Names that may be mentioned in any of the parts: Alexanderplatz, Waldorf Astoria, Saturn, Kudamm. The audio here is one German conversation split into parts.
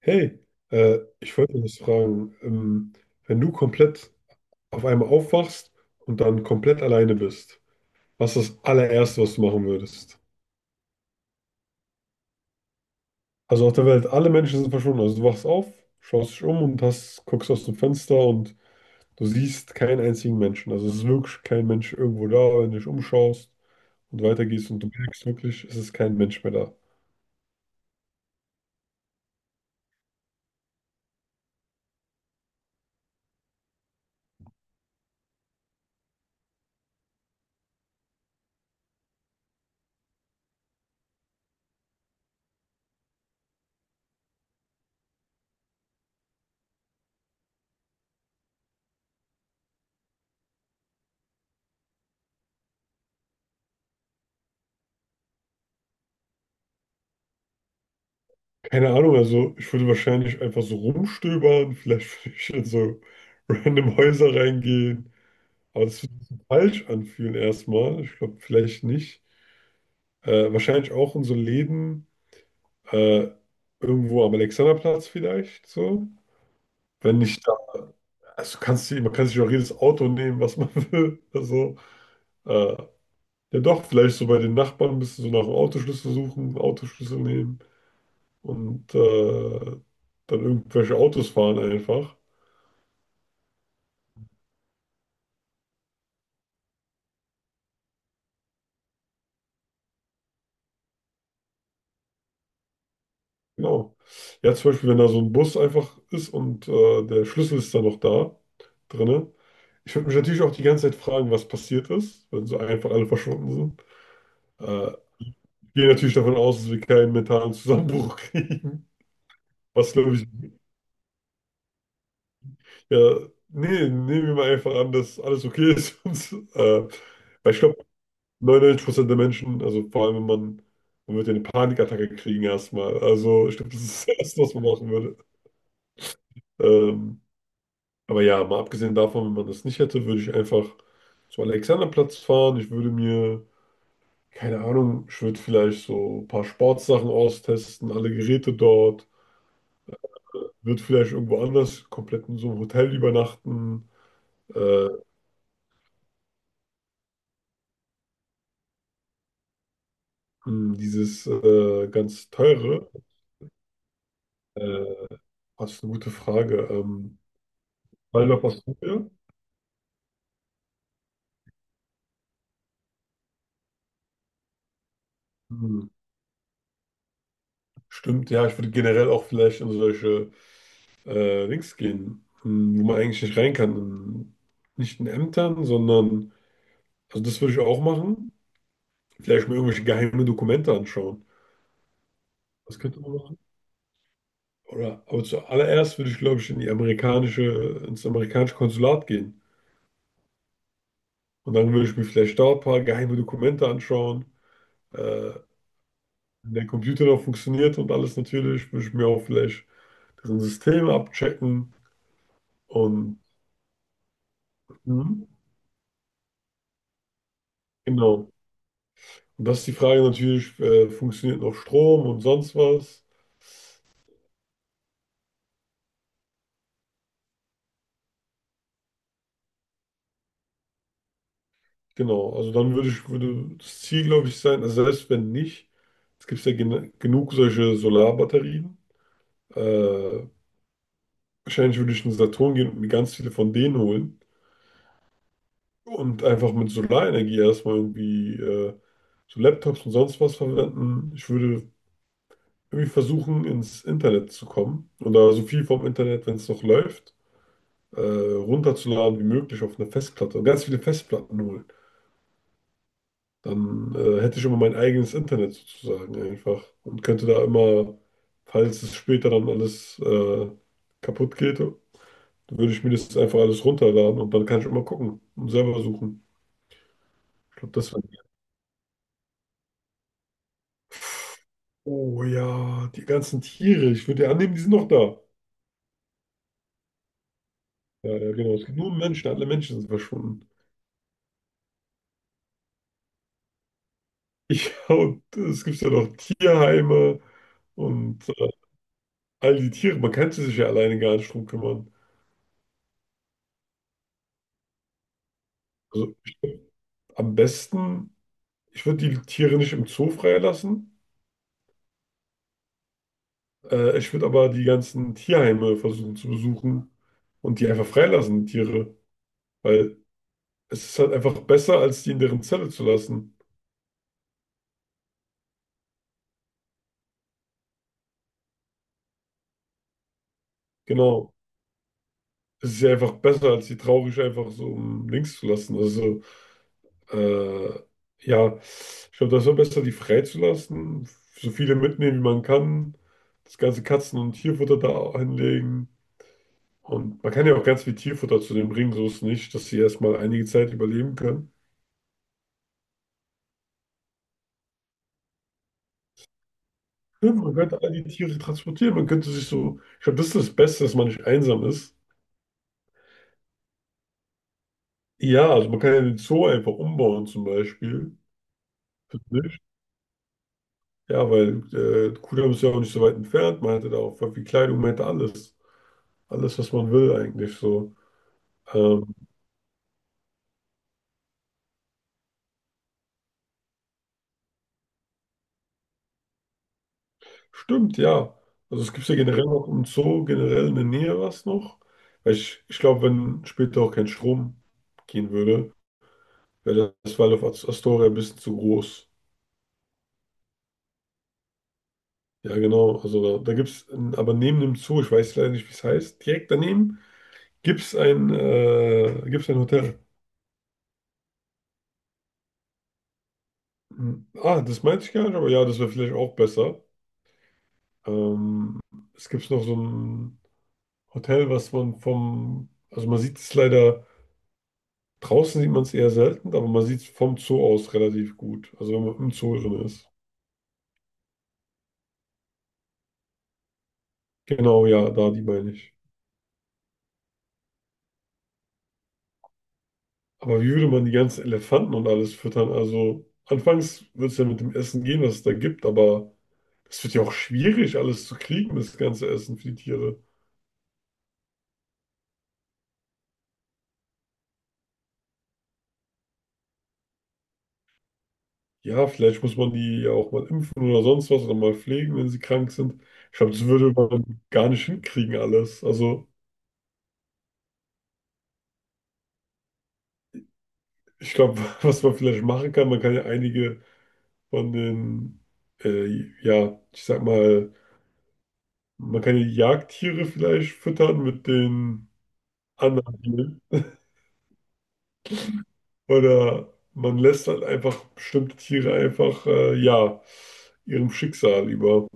Hey, ich wollte dich fragen, wenn du komplett auf einmal aufwachst und dann komplett alleine bist, was ist das allererste, was du machen würdest? Also auf der Welt, alle Menschen sind verschwunden. Also du wachst auf, schaust dich um und hast, guckst aus dem Fenster und du siehst keinen einzigen Menschen. Also es ist wirklich kein Mensch irgendwo da, wenn du dich umschaust und weitergehst und du merkst wirklich, es ist kein Mensch mehr da. Keine Ahnung, also ich würde wahrscheinlich einfach so rumstöbern, vielleicht würde ich in so random Häuser reingehen, aber das würde sich falsch anfühlen erstmal. Ich glaube, vielleicht nicht. Wahrscheinlich auch in so Läden, äh, irgendwo am Alexanderplatz vielleicht so. Wenn ich da, man kann sich auch jedes Auto nehmen, was man will. Äh, ja doch, vielleicht so bei den Nachbarn ein bisschen so nach dem Autoschlüssel suchen, Autoschlüssel nehmen und dann irgendwelche Autos fahren einfach. Genau. Ja, zum Beispiel, wenn da so ein Bus einfach ist und der Schlüssel ist dann noch da drinne. Ich würde mich natürlich auch die ganze Zeit fragen, was passiert ist, wenn so einfach alle verschwunden sind. Äh, Ich gehe natürlich davon aus, dass wir keinen mentalen Zusammenbruch kriegen, was glaube ich Ja, nee, nehmen wir mal einfach an, dass alles okay ist. Äh, Weil ich glaube, 99% der Menschen, also vor allem, wenn man, man wird ja eine Panikattacke kriegen erstmal. Also ich glaube, das ist das Erste, was man machen würde. Ähm, aber ja, mal abgesehen davon, wenn man das nicht hätte, würde ich einfach zum Alexanderplatz fahren. Ich würde mir, keine Ahnung, ich würde vielleicht so ein paar Sportsachen austesten, alle Geräte dort. Würde vielleicht irgendwo anders komplett in so einem Hotel übernachten. Äh, Dieses ganz teure, äh, das ist eine gute Frage. Waldorf Astoria? Hm, stimmt, ja, ich würde generell auch vielleicht in solche Links gehen, hm, wo man eigentlich nicht rein kann. In, nicht in Ämtern, sondern, also das würde ich auch machen. Vielleicht mir irgendwelche geheime Dokumente anschauen. Das könnte man machen. Aber zuallererst würde ich, glaube ich, ins amerikanische Konsulat gehen. Und dann würde ich mir vielleicht da ein paar geheime Dokumente anschauen. Äh, Wenn der Computer noch funktioniert und alles natürlich, würde ich mir auch vielleicht deren System abchecken und mhm. Genau. Und das ist die Frage natürlich, funktioniert noch Strom und sonst was? Genau, würde das Ziel, glaube ich, sein, also selbst wenn nicht, es gibt ja gen genug solche Solarbatterien. Äh, Wahrscheinlich würde ich in den Saturn gehen und mir ganz viele von denen holen und einfach mit Solarenergie erstmal irgendwie so Laptops und sonst was verwenden. Ich würde irgendwie versuchen, ins Internet zu kommen oder so viel vom Internet, wenn es noch läuft, runterzuladen wie möglich auf eine Festplatte und ganz viele Festplatten holen. Dann hätte ich immer mein eigenes Internet sozusagen einfach und könnte da immer, falls es später dann alles kaputt geht, würde ich mir das einfach alles runterladen und dann kann ich immer gucken und selber suchen. Ich glaube, das wäre. Oh ja, die ganzen Tiere. Ich würde ja annehmen, die sind noch da. Ja, ja, genau. Es gibt nur Menschen. Alle Menschen sind verschwunden. Ja, und es gibt ja noch Tierheime und all die Tiere. Man kann sich ja alleine gar nicht drum kümmern. Also ich, würd Am besten, ich würde die Tiere nicht im Zoo freilassen. Ich würde aber die ganzen Tierheime versuchen zu besuchen und die einfach freilassen, die Tiere. Weil es ist halt einfach besser, als die in deren Zelle zu lassen. Genau. Es ist ja einfach besser, als die traurig einfach so um links zu lassen. Äh, ja, ich glaube, das ist am besten, die freizulassen, so viele mitnehmen, wie man kann, das ganze Katzen- und Tierfutter da hinlegen. Und man kann ja auch ganz viel Tierfutter zu denen bringen, so ist es nicht, dass sie erstmal einige Zeit überleben können. Ja, man könnte all die Tiere transportieren, man könnte sich so, ich glaube, das ist das Beste, dass man nicht einsam ist. Ja, also man kann ja den Zoo einfach umbauen zum Beispiel. Nicht? Ja, weil Kudamm ist ja auch nicht so weit entfernt, man hätte da auch voll viel Kleidung, man hätte alles. Alles, was man will eigentlich so. Ähm, stimmt, ja. Also es gibt ja generell noch im Zoo, generell in der Nähe was noch. Ich glaube, wenn später auch kein Strom gehen würde, wäre das Waldorf Astoria ein bisschen zu groß. Ja, genau. Da gibt es, aber neben dem Zoo, ich weiß leider nicht, wie es heißt, direkt daneben gibt es gibt's ein Hotel. Ah, das meinte ich gar nicht, aber ja, das wäre vielleicht auch besser. Ähm, Es gibt noch so ein Hotel, also man sieht es leider. Draußen sieht man es eher selten, aber man sieht es vom Zoo aus relativ gut. Also wenn man im Zoo drin ist. Genau, ja, da die meine ich. Aber wie würde man die ganzen Elefanten und alles füttern? Also anfangs wird es ja mit dem Essen gehen, was es da gibt, aber es wird ja auch schwierig, alles zu kriegen, das ganze Essen für die Tiere. Ja, vielleicht muss man die ja auch mal impfen oder sonst was oder mal pflegen, wenn sie krank sind. Ich glaube, das würde man gar nicht hinkriegen alles. Also ich glaube, was man vielleicht machen kann, man kann ja einige von den, ja, ich sag mal, man kann ja die Jagdtiere vielleicht füttern mit den anderen Tieren. Oder man lässt halt einfach bestimmte Tiere einfach, ja, ihrem Schicksal über.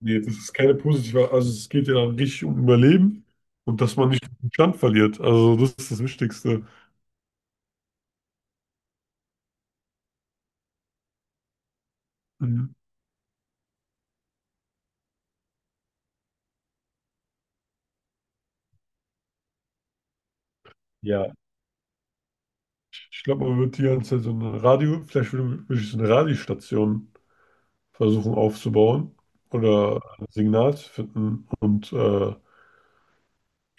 Nee, das ist keine positive, also es geht ja dann richtig um Überleben und dass man nicht den Stand verliert. Also das ist das Wichtigste. Mhm. Ja. Ich glaube, man wird die ganze Zeit so eine Radio, vielleicht würde, würde ich so eine Radiostation versuchen aufzubauen oder ein Signal zu finden und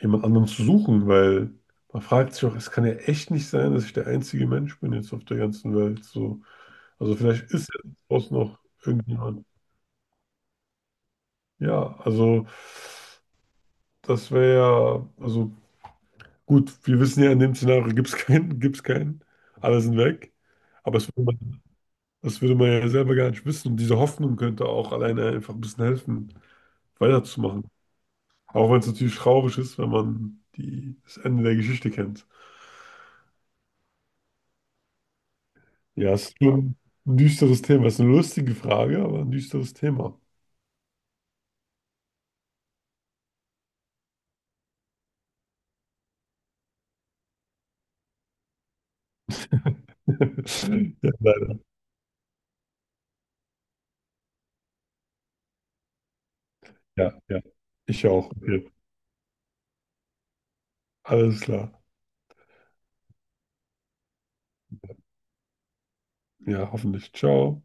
jemand anderen zu suchen, weil man fragt sich auch, es kann ja echt nicht sein, dass ich der einzige Mensch bin jetzt auf der ganzen Welt. So. Also vielleicht ist ja draußen noch irgendjemand. Ja, also das wäre ja, also gut, wir wissen ja, in dem Szenario gibt es keinen, alle sind weg. Aber das würde man ja selber gar nicht wissen. Und diese Hoffnung könnte auch alleine einfach ein bisschen helfen, weiterzumachen. Auch wenn es natürlich traurig ist, wenn man die, das Ende der Geschichte kennt. Ja, es ist schon ein düsteres Thema. Es ist eine lustige Frage, aber ein düsteres Thema. Ja, leider. Ja, ja. Ich auch. Okay. Alles klar. Ja, hoffentlich. Ciao.